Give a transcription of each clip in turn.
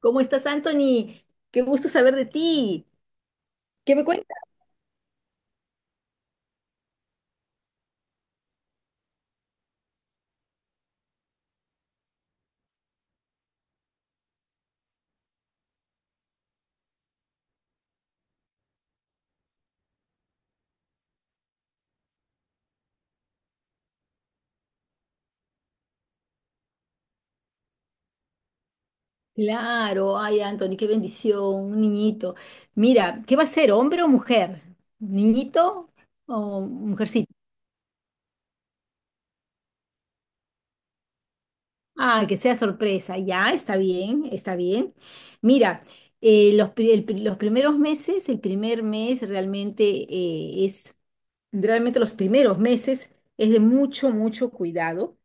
¿Cómo estás, Anthony? Qué gusto saber de ti. ¿Qué me cuentas? Claro, ay, Anthony, qué bendición, un niñito. Mira, ¿qué va a ser, hombre o mujer? ¿Niñito o mujercita? Ah, que sea sorpresa, ya, está bien, está bien. Mira, los primeros meses, el primer mes realmente es, realmente los primeros meses es de mucho cuidado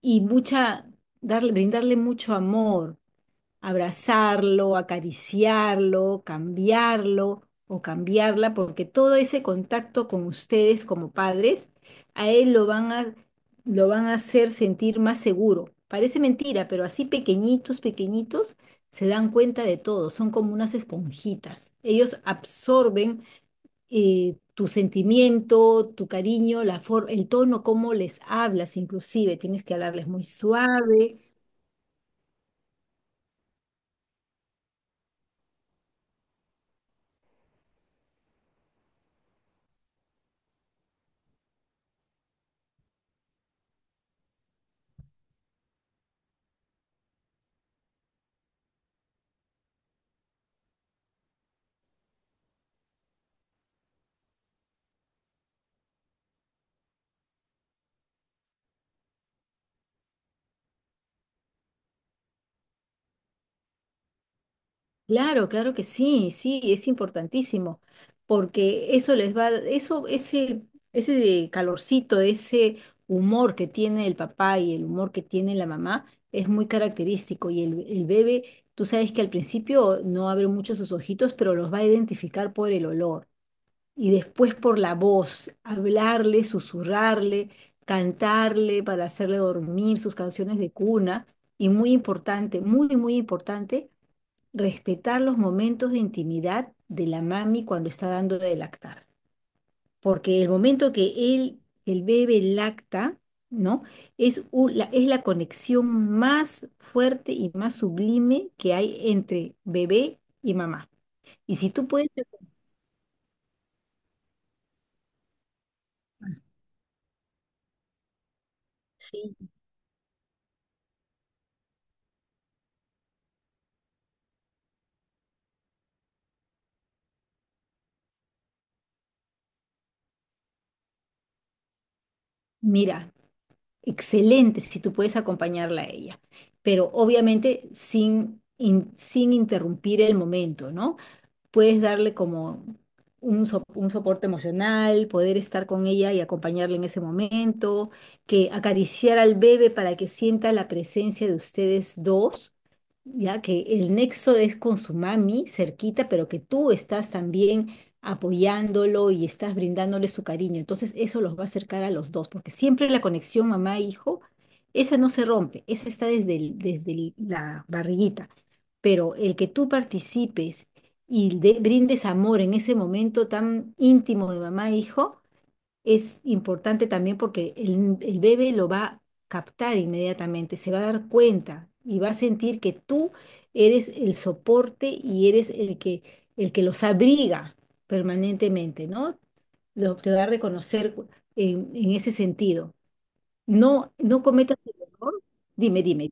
y mucha, brindarle mucho amor. Abrazarlo, acariciarlo, cambiarlo o cambiarla, porque todo ese contacto con ustedes como padres, a él lo van a hacer sentir más seguro. Parece mentira, pero así pequeñitos, se dan cuenta de todo, son como unas esponjitas. Ellos absorben tu sentimiento, tu cariño, el tono, cómo les hablas, inclusive tienes que hablarles muy suave. Claro, claro que sí, sí, es importantísimo, porque eso les va, eso, ese calorcito, ese humor que tiene el papá y el humor que tiene la mamá es muy característico. Y el bebé, tú sabes que al principio no abre mucho sus ojitos, pero los va a identificar por el olor y después por la voz, hablarle, susurrarle, cantarle para hacerle dormir sus canciones de cuna. Y muy importante, muy importante respetar los momentos de intimidad de la mami cuando está dando de lactar, porque el momento que él, el bebé lacta, ¿no? Es la conexión más fuerte y más sublime que hay entre bebé y mamá. Y si tú puedes, sí, mira, excelente si tú puedes acompañarla a ella, pero obviamente sin interrumpir el momento, ¿no? Puedes darle como un soporte emocional, poder estar con ella y acompañarla en ese momento, que acariciar al bebé para que sienta la presencia de ustedes dos ya que el nexo es con su mami cerquita, pero que tú estás también apoyándolo y estás brindándole su cariño. Entonces eso los va a acercar a los dos, porque siempre la conexión mamá-hijo, esa no se rompe, esa está desde la barriguita. Pero el que tú participes y brindes amor en ese momento tan íntimo de mamá-hijo, es importante también porque el bebé lo va a captar inmediatamente, se va a dar cuenta y va a sentir que tú eres el soporte y eres el que los abriga permanentemente, ¿no? Te va a reconocer en ese sentido. No, no cometas el error. Dime, dime.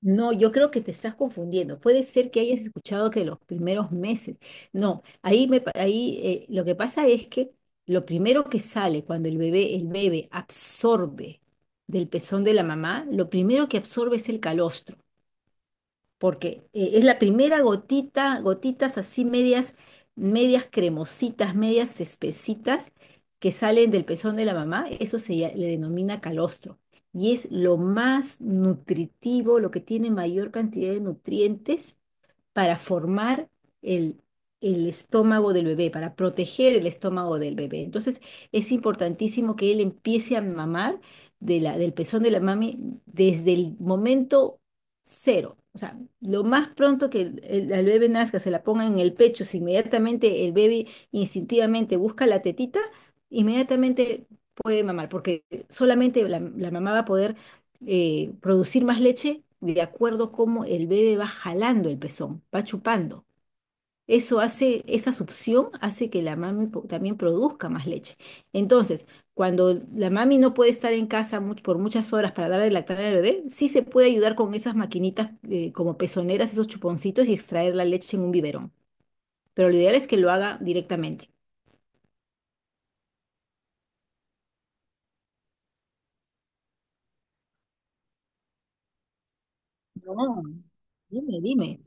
No, yo creo que te estás confundiendo. Puede ser que hayas escuchado que los primeros meses. No, ahí, me, pa- ahí lo que pasa es que lo primero que sale cuando el bebé absorbe del pezón de la mamá, lo primero que absorbe es el calostro porque es la primera gotita, gotitas así medias, medias cremositas, medias espesitas que salen del pezón de la mamá, le denomina calostro. Y es lo más nutritivo, lo que tiene mayor cantidad de nutrientes para formar el, el estómago del bebé, para proteger el estómago del bebé. Entonces, es importantísimo que él empiece a mamar de del pezón de la mami desde el momento cero. O sea, lo más pronto que el bebé nazca, se la ponga en el pecho, si inmediatamente el bebé instintivamente busca la tetita, inmediatamente puede mamar, porque solamente la mamá va a poder producir más leche de acuerdo a cómo el bebé va jalando el pezón, va chupando. Esa succión hace que la mami también produzca más leche. Entonces, cuando la mami no puede estar en casa por muchas horas para dar de lactar al bebé, sí se puede ayudar con esas maquinitas como pezoneras, esos chuponcitos y extraer la leche en un biberón. Pero lo ideal es que lo haga directamente. No, dime, dime.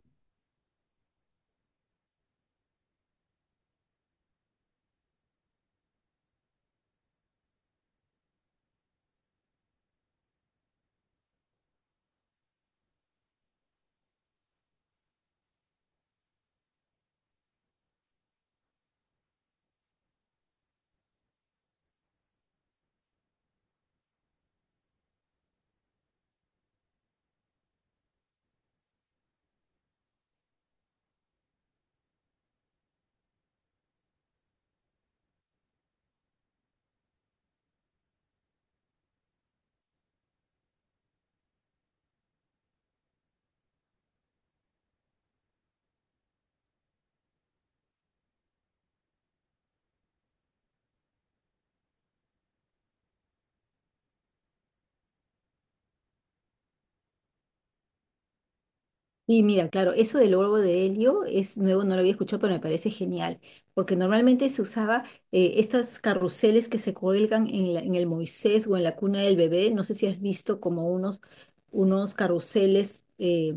Sí, mira, claro, eso del globo de helio es nuevo, no lo había escuchado, pero me parece genial, porque normalmente se usaba estas carruseles que se cuelgan en, en el Moisés o en la cuna del bebé, no sé si has visto como unos, unos carruseles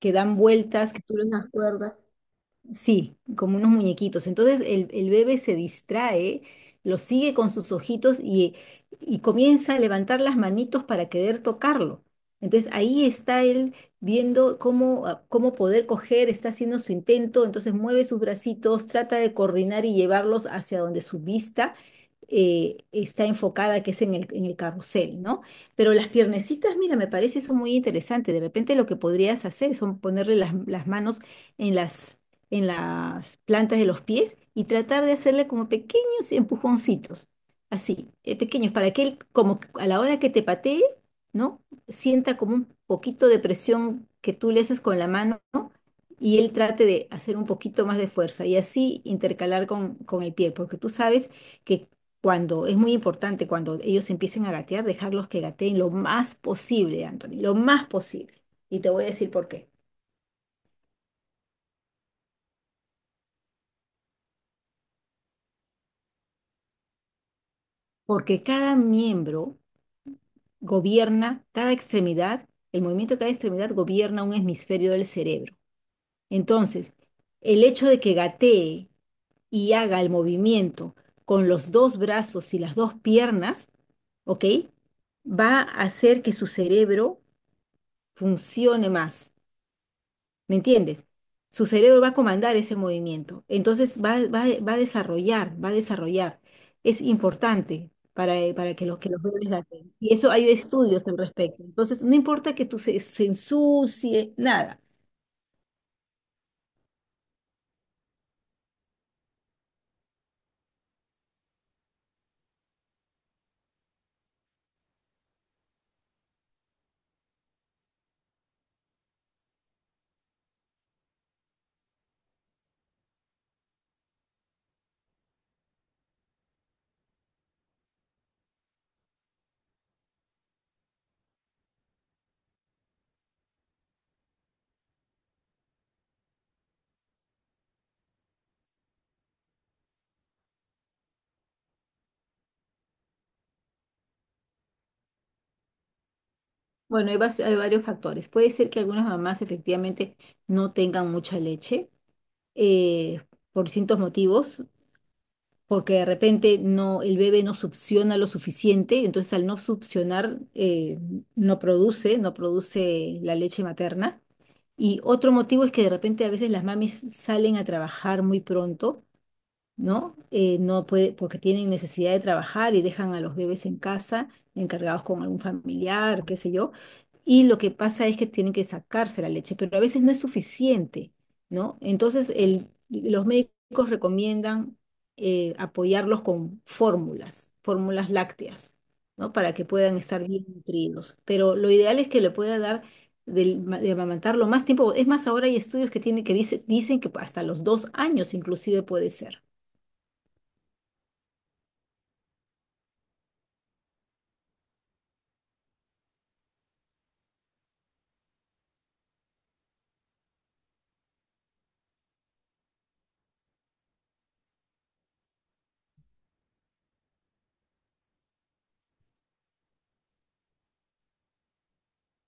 que dan vueltas, que tú las. Sí, como unos muñequitos. Entonces el bebé se distrae, lo sigue con sus ojitos y comienza a levantar las manitos para querer tocarlo. Entonces ahí está él viendo cómo, ah, cómo poder coger, está haciendo su intento, entonces mueve sus bracitos, trata de coordinar y llevarlos hacia donde su vista está enfocada, que es en en el carrusel, ¿no? Pero las piernecitas, mira, me parece eso muy interesante. De repente lo que podrías hacer son ponerle las manos en en las plantas de los pies y tratar de hacerle como pequeños empujoncitos, así, pequeños, para que él, como que a la hora que te patee, ¿no? Sienta como un poquito de presión que tú le haces con la mano, ¿no? Y él trate de hacer un poquito más de fuerza y así intercalar con el pie, porque tú sabes que cuando es muy importante, cuando ellos empiecen a gatear, dejarlos que gateen lo más posible, Anthony, lo más posible. Y te voy a decir por qué. Porque cada miembro gobierna cada extremidad, el movimiento de cada extremidad gobierna un hemisferio del cerebro. Entonces, el hecho de que gatee y haga el movimiento con los dos brazos y las dos piernas, ¿ok? Va a hacer que su cerebro funcione más. ¿Me entiendes? Su cerebro va a comandar ese movimiento. Entonces va a desarrollar, va a desarrollar. Es importante para que los vean les late. Y eso hay estudios al respecto. Entonces, no importa que tú se ensucie, nada. Bueno, hay varios factores. Puede ser que algunas mamás efectivamente no tengan mucha leche eh, por distintos motivos. Porque de repente no, el bebé no succiona lo suficiente, entonces al no succionar no produce, no produce la leche materna. Y otro motivo es que de repente a veces las mamis salen a trabajar muy pronto, ¿no? No puede, porque tienen necesidad de trabajar y dejan a los bebés en casa, encargados con algún familiar, qué sé yo, y lo que pasa es que tienen que sacarse la leche, pero a veces no es suficiente, ¿no? Entonces, los médicos recomiendan apoyarlos con fórmulas, fórmulas lácteas, ¿no? Para que puedan estar bien nutridos, pero lo ideal es que le pueda dar... amamantarlo más tiempo. Es más, ahora hay estudios que dicen que hasta los 2 años inclusive puede ser.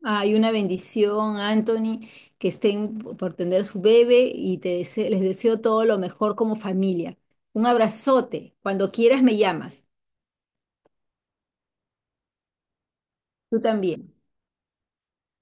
Hay una bendición, Anthony, que estén por tener su bebé y les deseo todo lo mejor como familia. Un abrazote. Cuando quieras me llamas. Tú también.